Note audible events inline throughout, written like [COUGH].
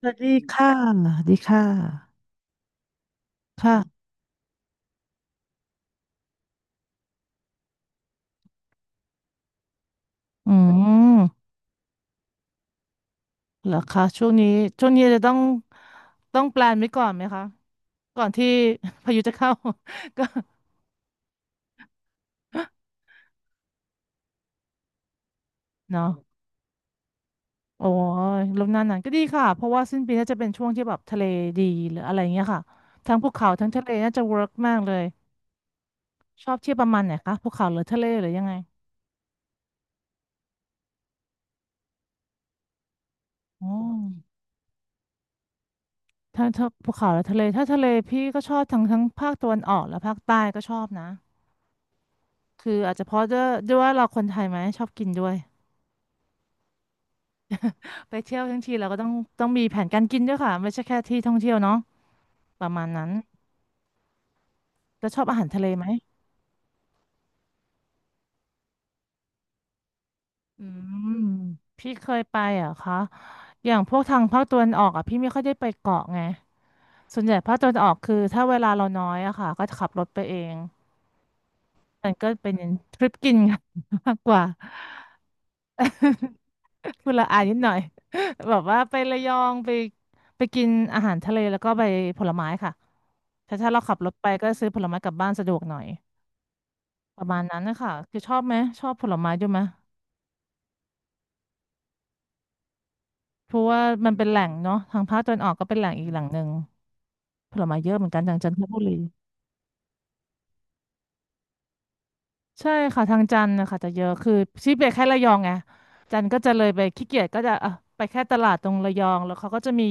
สวัสดีค่ะสวัสดีค่ะค่ะอืมเหรอคะช่วงนี้ช่วงนี้จะต้องแปลนไว้ก่อนไหมคะก่อนที่ [LAUGHS] พายุจะเข้า [LAUGHS] ก็เนาะโอ้ยลมหนาวหนานก็ดีค่ะเพราะว่าสิ้นปีน่าจะเป็นช่วงที่แบบทะเลดีหรืออะไรเงี้ยค่ะทั้งภูเขาทั้งทะเลน่าจะเวิร์กมากเลยชอบเที่ยวประมาณไหนคะภูเขาหรือทะเลหรือยังไงอ๋อถ้าภูเขาและทะเลถ้าทะเลพี่ก็ชอบทั้งภาคตะวันออกและภาคใต้ก็ชอบนะ คืออาจจะเพราะด้วยว่าเราคนไทยไหมชอบกินด้วยไปเที่ยวทั้งทีเราก็ต้องมีแผนการกินด้วยค่ะไม่ใช่แค่ที่ท่องเที่ยวเนาะประมาณนั้นแล้วชอบอาหารทะเลไหมอืมพี่เคยไปเหรอ่ะคะอย่างพวกทางภาคตะวันออกอ่ะพี่ไม่ค่อยได้ไปเกาะไงส่วนใหญ่ภาคตะวันออกคือถ้าเวลาเราน้อยอะค่ะก็จะขับรถไปเองมันก็เป็นทริปกิน [LAUGHS] กันมากกว่า คือละอายนิดหน่อย [LAUGHS] แบบว่าไประยองไปกินอาหารทะเลแล้วก็ไปผลไม้ค่ะถ้าเราขับรถไปก็ซื้อผลไม้กลับบ้านสะดวกหน่อยประมาณนั้นนะคะคือชอบไหมชอบผลไม้ด้วยไหมเพราะว่ามันเป็นแหล่งเนาะทางภาคตะวันออกก็เป็นแหล่งอีกแหล่งหนึ่งผลไม้เยอะเหมือนกันทางจันทบุรีใช่ค่ะทางจันทร์นะคะจะเยอะคือชีไปแค่ระยองไงจันทร์ก็จะเลยไปขี้เกียจก็จะอ่ะไปแค่ตลาดตรงระยองแล้วเขาก็จะมี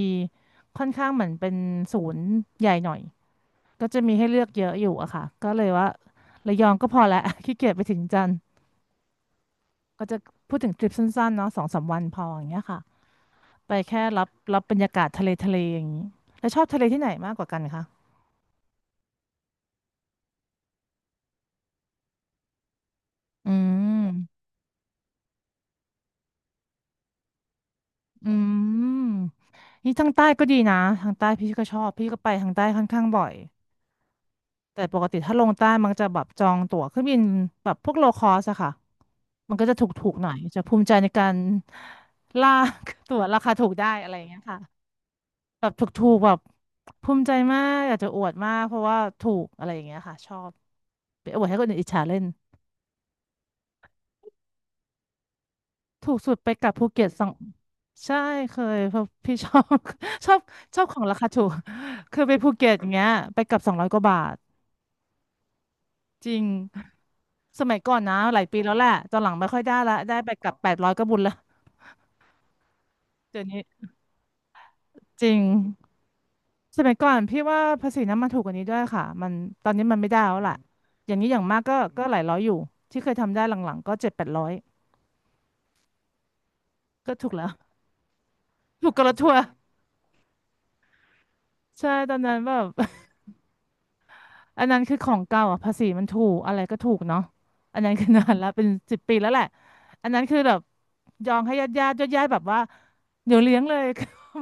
ค่อนข้างเหมือนเป็นศูนย์ใหญ่หน่อย ก็จะมีให้เลือกเยอะอยู่อะค่ะก็เลยว่าระยองก็พอแล้ว [LAUGHS] ขี้เกียจไปถึงจันทร์ก็จะพูดถึงทริปสั้นๆเนาะ2-3 วันพออย่างเงี้ยค่ะไปแค่รับบรรยากาศทะเลอย่างนี้แล้วชอบทะเลที่ไหนมากกว่ากันคะอืมอืมนี่ทางใต้ก็ดีนะทางใต้พี่ก็ชอบพี่ก็ไปทางใต้ค่อนข้างบ่อยแต่ปกติถ้าลงใต้มันจะแบบจองตั๋วเครื่องบินแบบพวกโลคอสอะค่ะมันก็จะถูกๆหน่อยจะภูมิใจในการลากตั๋วราคาถูกได้อะไรอย่างเงี้ยค่ะ แบบถูกๆแบบภูมิใจมากอยากจะอวดมากเพราะว่าถูกอะไรอย่างเงี้ยค่ะชอบไปอวดให้คนอื่นอิจฉาเล่นถูกสุดไปกลับภูเก็ตสองใช่เคยเพราะพี่ชอบ [LAUGHS] ชอบชอบของราคาถูกคือไปภูเก็ตอย่างเงี้ยไปกลับ200 กว่าบาทจริงสมัยก่อนนะหลายปีแล้วแหละตอนหลังไม่ค่อยได้ละได้ไปกลับแปดร้อยก็บุญละเดี๋ยวนี้จริงสมัยก่อนพี่ว่าภาษีน้ำมันถูกกว่านี้ด้วยค่ะมันตอนนี้มันไม่ได้แล้วล่ะอย่างนี้อย่างมากก็หลายร้อยอยู่ที่เคยทำได้หลังๆก็7-800 ก็ถูกแล้วถูกกวะทัวร์ใช่ตอนนั้นแบบ [LAUGHS] อันนั้นคือของเก่าอ่ะภาษีมันถูกอะไรก็ถูกเนาะอันนั้นคือนานแล้วเป็น10 ปีแล้วแหละอันนั้นคือแบบยองให้ญาติญาติญาติญาติแบบว่าเดี๋ยวเลี้ยงเลย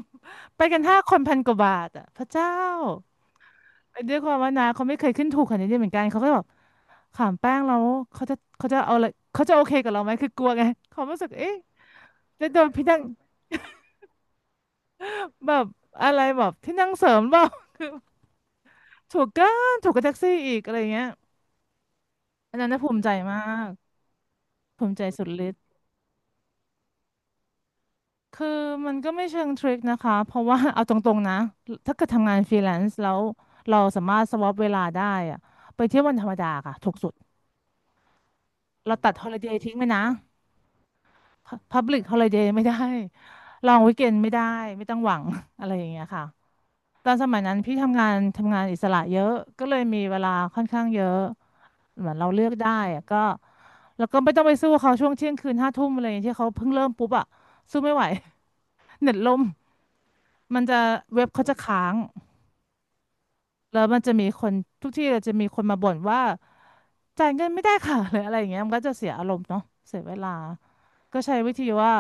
[LAUGHS] ไปกัน5 คนพันกว่าบาทอ่ะพระเจ้าด้วยความว่านาเขาไม่เคยขึ้นถูกขนาดนี้เหมือนกันเขาก็แบบขามแป้งแล้วเขาจะเอาอะไรเขาจะโอเคกับเราไหมคือกลัวไงเขารู้สึกเอ๊ะจะโดนพี่นั่งแบบอะไรแบบที่นั่งเสริมเปล่า [LAUGHS] ถูกกันถูกกับแท็กซี่อีกอะไรเงี้ยอันนั้นน่ะภูมิใจมากภูมิใจสุดฤทธิ์คือมันก็ไม่เชิงทริคนะคะเพราะว่า [LAUGHS] เอาตรงๆนะถ้าเกิดทำงานฟรีแลนซ์แล้วเราสามารถสวอปเวลาได้อะไปเที่ยววันธรรมดาค่ะถูกสุดเราตัดฮอลิเดย์ทิ้งไปนะพับลิกฮอลิเดย์ไม่ได้ลองวีคเอนไม่ได้ไม่ต้องหวัง [LAUGHS] อะไรอย่างเงี้ยค่ะตอนสมัยนั้นพี่ทำงานอิสระเยอะก็เลยมีเวลาค่อนข้างเยอะ เหมือนเราเลือกได้อะก็แล้วก็ไม่ต้องไปสู้เขาช่วงเที่ยงคืน5 ทุ่มอะไรอย่างเงี้ยที่เขาเพิ่งเริ่มปุ๊บอะสู้ไม่ไหว [LAUGHS] เน็ตล่มมันจะเว็บเขาจะค้างแล้วมันจะมีคนทุกที่เลยจะมีคนมาบ่นว่าจ่ายเงินไม่ได้ค่ะ [LAUGHS] หรืออะไรอย่างเงี้ยมันก็จะเสียอารมณ์เนาะเสียเวลาก็ใช้วิธีว่า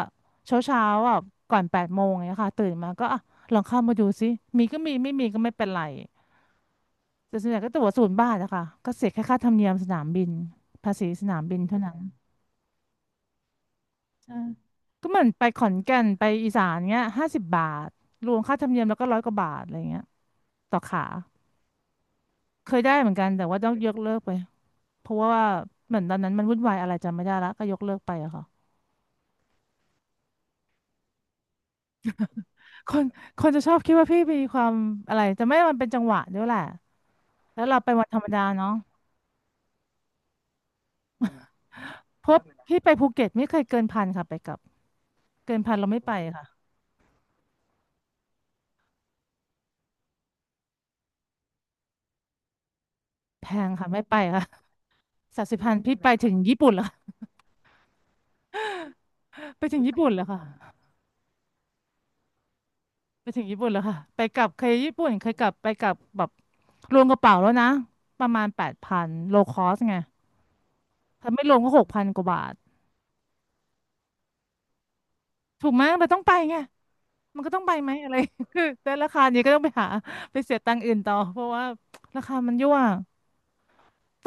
เช้าเช้าอ่ะก่อน8 โมงอย่างเงี้ยค่ะตื่นมาก็อ่ะลองเข้ามาดูซิมีก็มีไม่มีก็ไม่เป็นไรแต่ส่วนใหญ่ก็ตั๋ว0 บาทอะค่ะก็เสียแค่ค่าธรรมเนียมสนามบินภาษีสนามบินเท่านั้น เออก็เหมือนไปขอนแก่นไปอีสานเงี้ย50 บาทรวมค่าธรรมเนียมแล้วก็ร้อยกว่าบาทอะไรเงี้ยต่อขาเคยได้เหมือนกันแต่ว่าต้องยกเลิกไปเพราะว่าเหมือนตอนนั้นมันวุ่นวายอะไรจำไม่ได้ละก็ยกเลิกไปอะค่ะคนคนจะชอบคิดว่าพี่มีความอะไรจะไม่มันเป็นจังหวะด้วยแหละแล้วเราไปวันธรรมดาเนาะเพราะพี่ไปภูเก็ตไม่เคยเกินพันค่ะไปกลับเกินพันเราไม่ไปค่ะแพงค่ะไม่ไปค่ะ30,000พี่ไปถึงญี่ปุ่นเล้ว [LAUGHS] ไปถึงญี่ปุ่นเล้ค่ะ ไปถึงญี่ปุ่นแล้วค่ะไปกลับเคยญี่ปุ่นเคยกลับไปกลับแบบรวมกระเป๋าแล้วนะประมาณ8,000โลคอสไงถ้าไม่รวมก็6,000กว่าบาทถูกไหมเราต้องไปไงมันก็ต้องไปไหมอะไร [LAUGHS] คือแต่ราคานี้ก็ต้องไปหาไปเสียตังค์อื่นต่อเพราะว่าราคามันยั่ว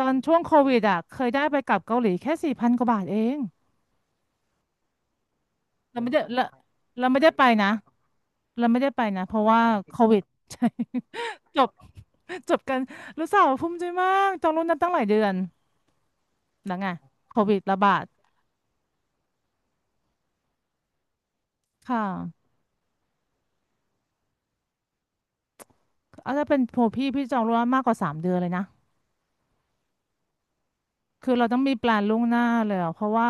ตอนช่วงโควิดอ่ะเคยได้ไปกลับเกาหลีแค่4,000กว่าบาทเองเราไม่ได้เราเราไม่ได้ไปนะเราไม่ได้ไปนะเพราะว่าโควิด [LAUGHS] ใช่ [LAUGHS] จบจบกันรู้สาวภูมิใจมากจองล่วงหน้าตั้งหลายเดือน แล้วไงโควิดระบาดค่ะเอาถ้าเป็นโพพี่จองล่วงหน้ามากกว่า3 เดือนเลยนะคือเราต้องมีแปลนล่วงหน้าเลยอะเพราะว่า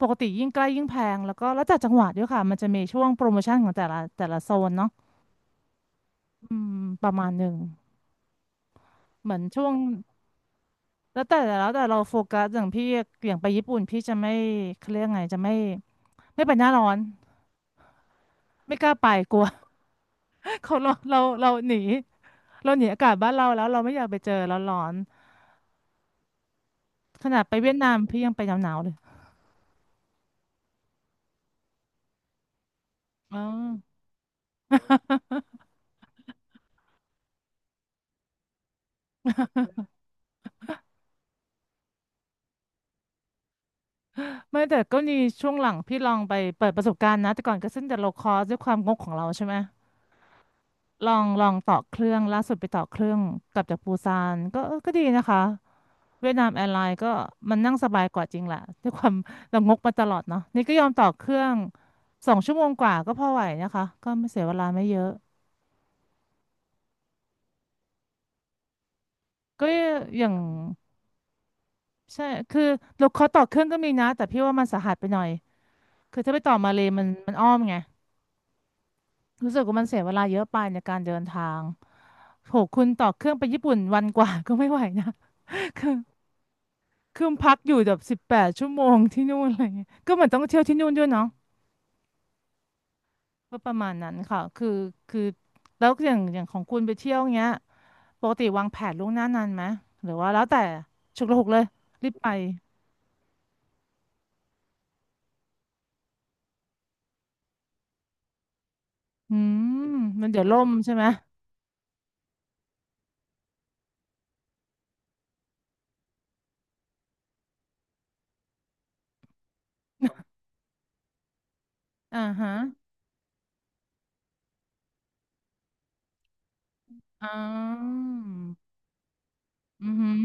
ปกติยิ่งใกล้ยิ่งแพงแล้วก็แล้วแต่จังหวัดด้วยค่ะมันจะมีช่วงโปรโมชั่นของแต่ละโซนเนาะอืมประมาณหนึ่งเหมือนช่วงแล้วแต่เราโฟกัสอย่างพี่อย่างไปญี่ปุ่นพี่จะไม่เขาเรียกไงจะไม่ไม่ไปหน้าร้อนไม่กล้าไปกลัว [LAUGHS] เขาเราหนีเราหนีอากาศบ้านเราแล้วเราไม่อยากไปเจอร้อนๆขนาดไปเวียดนามพี่ยังไปหนาวๆเลยอ๋อ ไม่แต่ก็มีช่วงหลังพี่ลองไปเปิดประสบการณ์นะแต่ก่อนก็ซึ่งแต่โลคอสด้วยความงกของเราใช่ไหมลองต่อเครื่องล่าสุดไปต่อเครื่องกลับจากปูซานก็เออก็ดีนะคะเวียดนามแอร์ไลน์ก็มันนั่งสบายกว่าจริงแหละด้วยความ [LAUGHS] เรางกมาตลอดเนาะนี่ก็ยอมต่อเครื่อง2 ชั่วโมงกว่าก็พอไหวนะคะก็ไม่เสียเวลาไม่เยอะก็อย่างใช่คือโลคอสต่อเครื่องก็มีนะแต่พี่ว่ามันสาหัสไปหน่อยคือถ้าไปต่อมาเลยมันอ้อมไงรู้สึกว่ามันเสียเวลาเยอะไปในการเดินทาง โหคุณต่อเครื่องไปญี่ปุ่นวันกว่า [LAUGHS] ก็ไม่ไหวนะ [LAUGHS] คือพักอยู่แบบ18 ชั่วโมงที่นู่นอะไรเงี้ยก็เหมือนต้องเที่ยวที่นู่นด้วยเนาะก็ประมาณนั้นค่ะคือแล้วอย่างของคุณไปเที่ยวเงี้ยปกติวางแผนล่วงหน้านานไหมหรือว่าแล้วแต่ฉุกละหุกเลยรีบไปอืมมันเดี๋ยวล่มใช่ไหมอ่าฮะอ่าอือหือ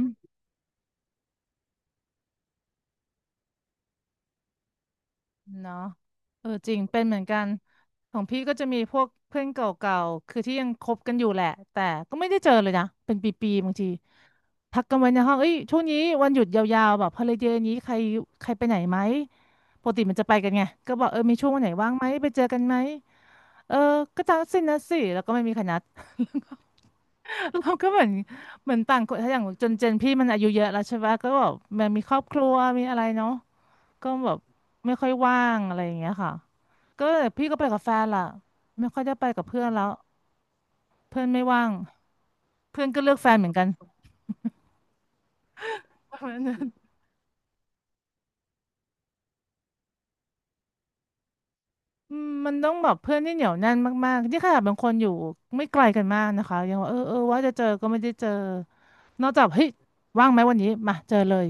เนาะเออจริงเป็นเหมือนกันของพี่ก็จะมีพวกเพื่อนเก่าๆคือที่ยังคบกันอยู่แหละแต่ก็ไม่ได้เจอเลยนะเป็นปีๆบางทีทักกันไว้ในห้องเอ้ยช่วงนี้วันหยุดยาวๆแบบฮอลิเดย์นี้ใครใครไปไหนไหมปกติมันจะไปกันไงก็บอกเออมีช่วงวันไหนว่างไหมไปเจอกันไหมเออก็จัดสินะสิแล้วก็ไม่มีใครนัด [LAUGHS] เราก็เหมือนต่างคนถ้าอย่างจนเจนพี่มันอายุเยอะแล้วใช่ปะก็แบบมันมีครอบครัวมีอะไรเนาะ ก็แบบไม่ค่อยว่างอะไรอย่างเงี้ยค่ะก็พี่ก็ไปกับแฟนล่ะไม่ค่อยได้ไปกับเพื่อนแล้วเพื่อนไม่ว่างเพื่อนก็เลือกแฟนเหมือนกันประมาณนั้นอืมมันต้องแบบเพื่อนที่เหนียวแน่นมากๆที่ขนาดบางคนอยู่ไม่ไกลกันมากนะคะยังว่าเออเออว่าจะเจอก็ไม่ได้เจอนอกจากเฮ้ยว่างไหมวันนี้มาเจอเลย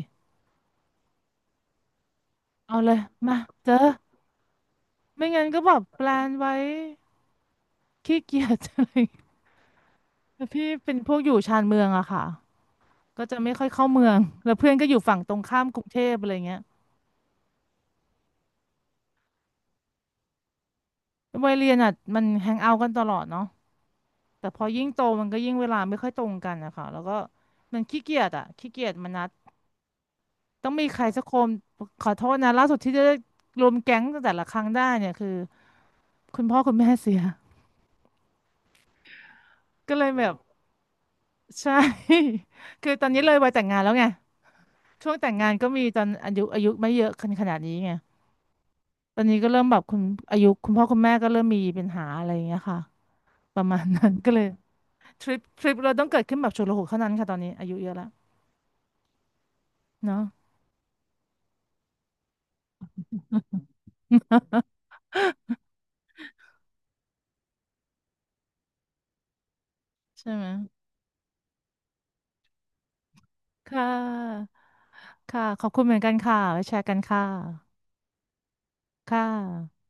เอาเลยมาเจอไม่งั้นก็แบบแปลนไว้ขี้เกียจ [LAUGHS] อะไรอย่างเงี้ยแต่พี่เป็นพวกอยู่ชานเมืองอะค่ะ ก็จะไม่ค่อยเข้าเมืองแล้วเพื่อนก็อยู่ฝั่งตรงข้ามกรุงเทพอะไรเงี้ยวัยเรียนอ่ะมันแฮงเอาท์กันตลอดเนาะแต่พอยิ่งโตมันก็ยิ่งเวลาไม่ค่อยตรงกันอะค่ะแล้วก็มันขี้เกียจอ่ะขี้เกียจมานัดต้องมีใครสักคนขอโทษนะล่าสุดที่จะรวมแก๊งแต่ละครั้งได้เนี่ยคือคุณพ่อคุณแม่เสียก็เลยแบบใช่ [LAUGHS] คือตอนนี้เลยวัยแต่งงานแล้วไงช่วงแต่งงานก็มีตอนอายุไม่เยอะขนาดนี้ไงตอนนี้ก็เริ่มแบบคุณอายุคุณพ่อคุณแม่ก็เริ่มมีปัญหาอะไรอย่างเงี้ยค่ะ ประมาณนั้น [LAUGHS] ก็เลยทริปเราต้องเกิดขึ้นแบบฉุกละหุกเท่านั้นค่ะตอนนี้อายุเยอะแล้วเนาะใช่ไหมค่ะค่ะขอบคุณเหมือนกันค่ะไว้แชร์กันค่ะค่ะ